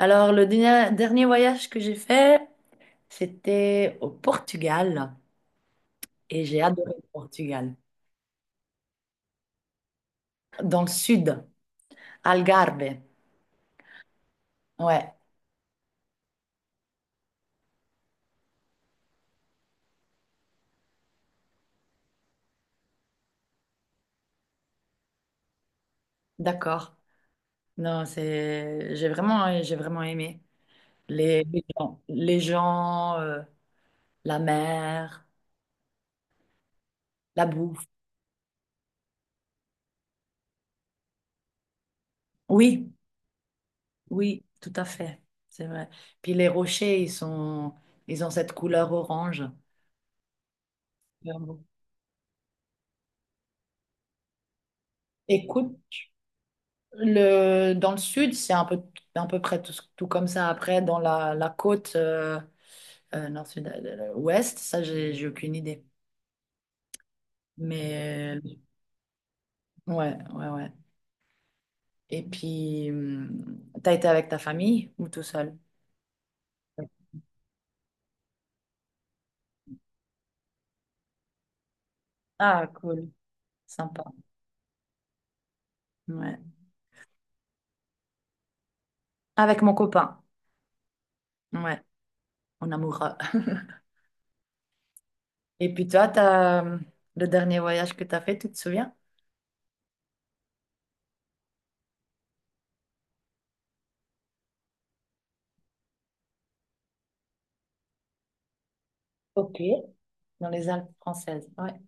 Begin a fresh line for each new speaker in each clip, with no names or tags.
Alors, le dernier voyage que j'ai fait, c'était au Portugal et j'ai adoré le Portugal. Dans le sud, Algarve. Ouais, d'accord. Non, c'est, j'ai vraiment aimé les gens, la mer, la bouffe. Oui, oui, tout à fait. C'est vrai. Puis les rochers, ils sont, ils ont cette couleur orange. Vraiment. Écoute. Dans le sud, c'est un peu, à peu près tout, tout comme ça. Après, dans la côte nord, sud, ouest, ça, j'ai aucune idée. Mais ouais, ouais, ouais. Et puis, t'as été avec ta famille ou tout seul? Ah, cool, sympa. Ouais. Avec mon copain. Ouais, mon amoureux. Et puis toi, le dernier voyage que t'as fait, tu te souviens? Ok. Dans les Alpes françaises. Ouais.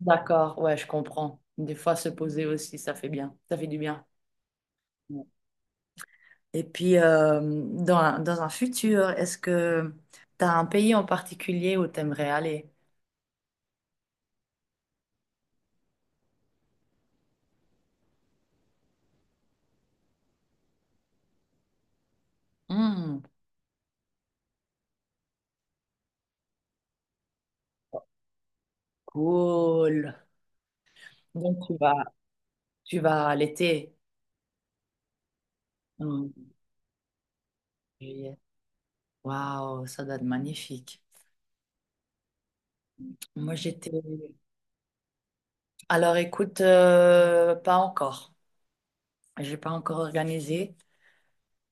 D'accord, ouais, je comprends. Des fois, se poser aussi, ça fait bien. Ça fait du bien. Ouais. Et puis, dans un futur, est-ce que tu as un pays en particulier où tu aimerais aller? Hmm, cool. Donc, tu vas à l'été. Hmm, juillet. Waouh, ça doit être magnifique. Moi, j'étais. Alors, écoute, pas encore. J'ai pas encore organisé.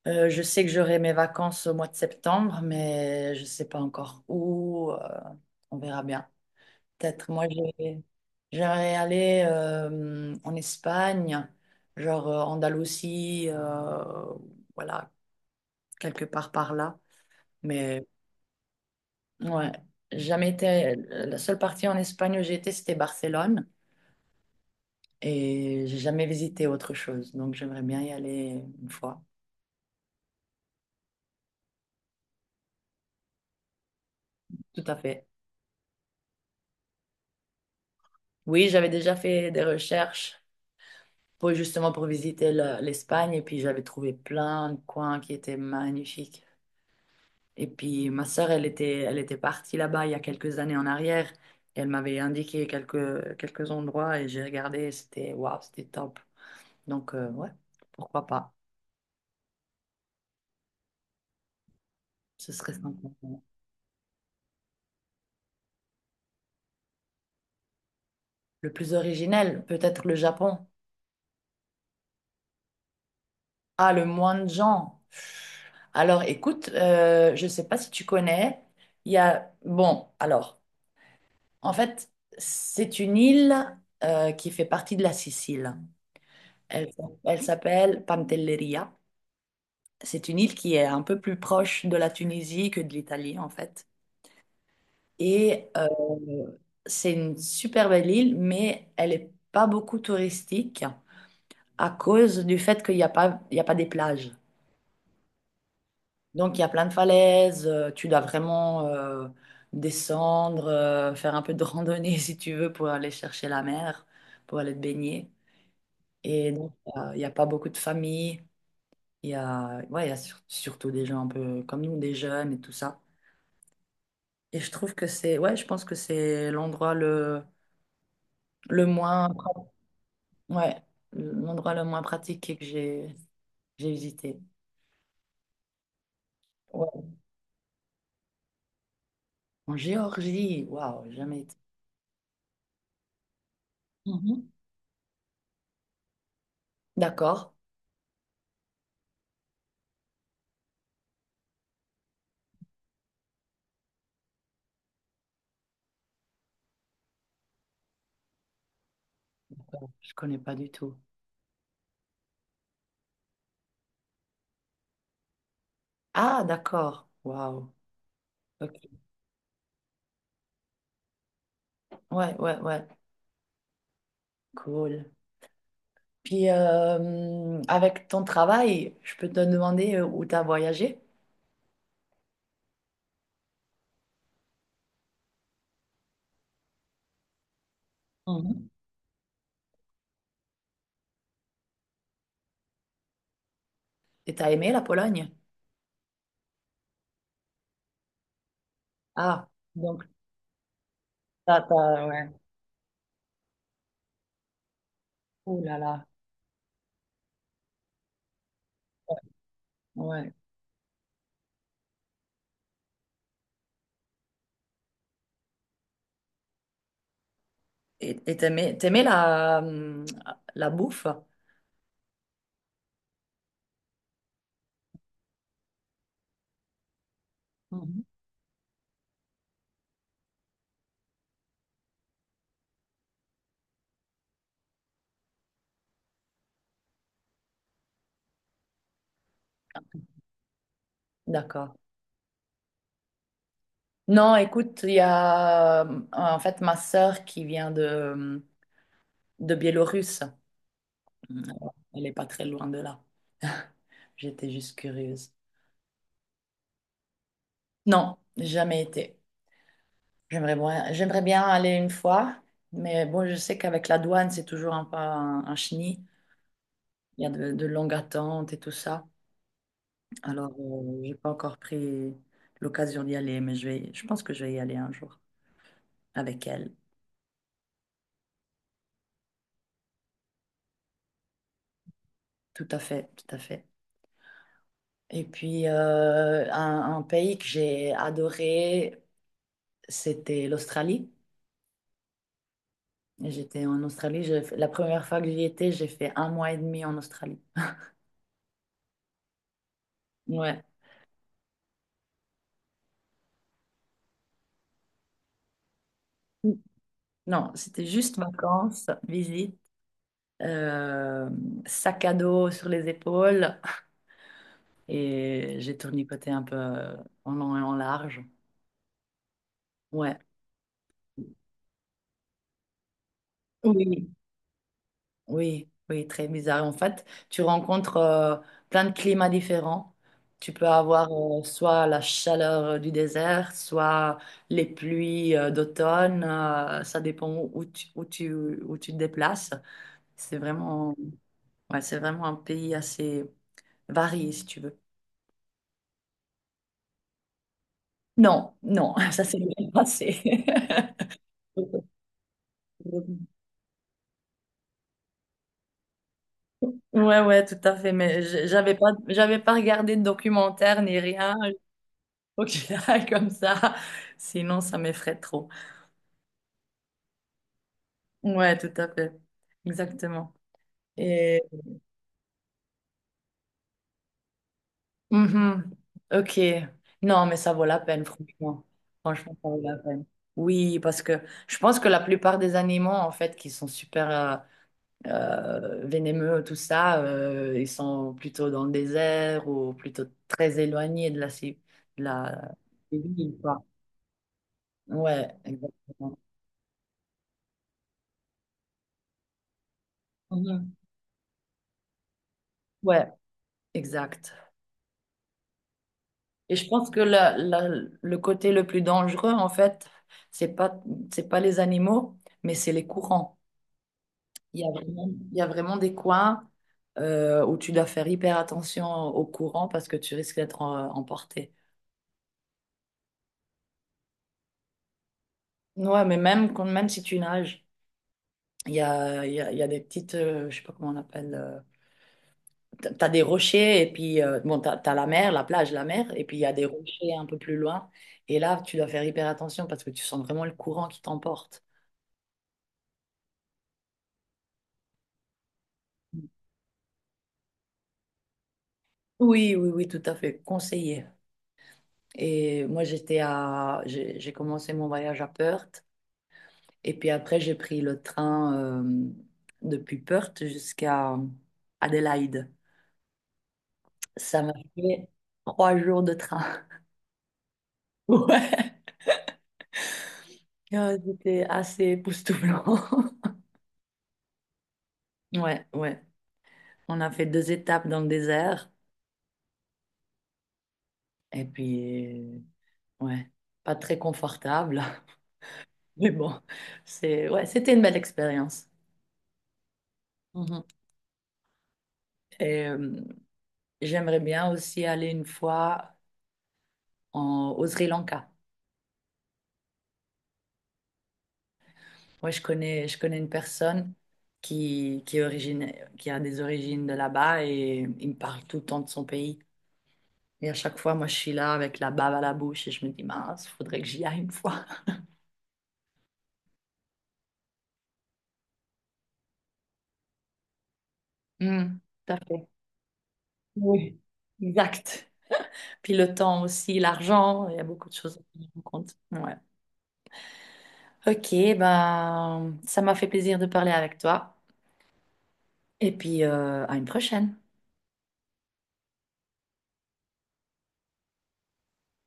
Je sais que j'aurai mes vacances au mois de septembre, mais je ne sais pas encore où. On verra bien. Peut-être. Moi, j'aimerais aller en Espagne, genre Andalousie, voilà, quelque part par là. Mais ouais, j'ai jamais été. La seule partie en Espagne où j'ai été, c'était Barcelone, et j'ai jamais visité autre chose. Donc, j'aimerais bien y aller une fois. Tout à fait. Oui, j'avais déjà fait des recherches pour justement pour visiter l'Espagne et puis j'avais trouvé plein de coins qui étaient magnifiques. Et puis ma sœur, elle était partie là-bas il y a quelques années en arrière et elle m'avait indiqué quelques endroits et j'ai regardé, et c'était waouh, c'était top. Donc ouais, pourquoi pas? Ce serait sympa. Le plus originel, peut-être le Japon. Ah, le moins de gens. Alors écoute, je ne sais pas si tu connais, il y a, bon, alors. En fait, c'est une île qui fait partie de la Sicile. Elle, elle s'appelle Pantelleria. C'est une île qui est un peu plus proche de la Tunisie que de l'Italie, en fait. Et c'est une super belle île, mais elle n'est pas beaucoup touristique à cause du fait qu'il n'y a pas, il y a pas des plages. Donc, il y a plein de falaises, tu dois vraiment descendre, faire un peu de randonnée si tu veux pour aller chercher la mer, pour aller te baigner. Et donc, il n'y a pas beaucoup de familles. Il y a, ouais, il y a surtout des gens un peu comme nous, des jeunes et tout ça. Et je trouve que c'est, ouais, je pense que c'est l'endroit le moins, ouais, l'endroit le moins pratiqué que j'ai visité. Ouais. En Géorgie, waouh, jamais été. Mhm. D'accord, je connais pas du tout. Ah, d'accord, waouh, ok. Ouais, ouais, ouais, cool. Puis, avec ton travail, je peux te demander où tu as voyagé? Et t'as aimé la Pologne? Ah, donc ouais. Ouh là là, ouais. Et t'aimais la bouffe? Mhm. D'accord. Non, écoute, il y a en fait ma sœur qui vient de Biélorusse. Elle n'est pas très loin de là. J'étais juste curieuse. Non, jamais été. J'aimerais bien aller une fois, mais bon, je sais qu'avec la douane, c'est toujours un peu un chenil. Il y a de longues attentes et tout ça. Alors, j'ai pas encore pris l'occasion d'y aller, mais je pense que je vais y aller un jour avec elle. Tout à fait, tout à fait. Et puis, un pays que j'ai adoré, c'était l'Australie. J'étais en Australie, la première fois que j'y étais, j'ai fait un mois et demi en Australie. Ouais. Non, c'était juste vacances, visite, euh, sac à dos sur les épaules et j'ai tournicoté un peu en long et en large. Ouais. Oui. Oui, oui, très bizarre. En fait, tu rencontres plein de climats différents. Tu peux avoir soit la chaleur du désert, soit les pluies d'automne. Ça dépend où tu te déplaces. C'est vraiment, ouais, c'est vraiment un pays assez varié, si tu veux. Non, non, ça c'est le passé. Ouais, ouais, tout à fait. Mais j'avais pas regardé de documentaire ni rien. Ok, comme ça. Sinon, ça m'effraie trop. Ouais, tout à fait. Exactement. Et. Mhm. Ok. Non, mais ça vaut la peine, franchement. Franchement, ça vaut la peine. Oui, parce que je pense que la plupart des animaux, en fait, qui sont super vénémeux, tout ça, ils sont plutôt dans le désert ou plutôt très éloignés de la, ci- de la... des villes, quoi. Ouais, exactement. Mhm. Ouais, exact. Et je pense que le côté le plus dangereux, en fait, c'est pas, c'est pas les animaux, mais c'est les courants. Il y a vraiment des coins où tu dois faire hyper attention aux courants parce que tu risques d'être emporté. Ouais, mais même, quand, même si tu nages, il y a, il y a, il y a des petites, je sais pas comment on appelle, t'as des rochers et puis, bon, t'as la mer, la plage, la mer, et puis il y a des rochers un peu plus loin. Et là, tu dois faire hyper attention parce que tu sens vraiment le courant qui t'emporte. Oui, oui, oui, tout à fait, conseiller. Et moi, j'ai commencé mon voyage à Perth, et puis après, j'ai pris le train depuis Perth jusqu'à Adélaïde. Ça m'a fait 3 jours de train. Ouais. Ah, c'était assez époustouflant. Ouais, ouais. On a fait deux étapes dans le désert, et puis, ouais, pas très confortable, mais bon, c'est, ouais, c'était une belle expérience. Mhm. Et j'aimerais bien aussi aller une fois au Sri Lanka. Moi, je connais une personne qui a des origines de là-bas et il me parle tout le temps de son pays. Et à chaque fois, moi, je suis là avec la bave à la bouche et je me dis, mince, faudrait que j'y aille une fois. Hmm. Tout à fait. Oui. Exact. Puis le temps aussi, l'argent, il y a beaucoup de choses à prendre en compte. Ouais. Ok, ben, ça m'a fait plaisir de parler avec toi. Et puis, à une prochaine.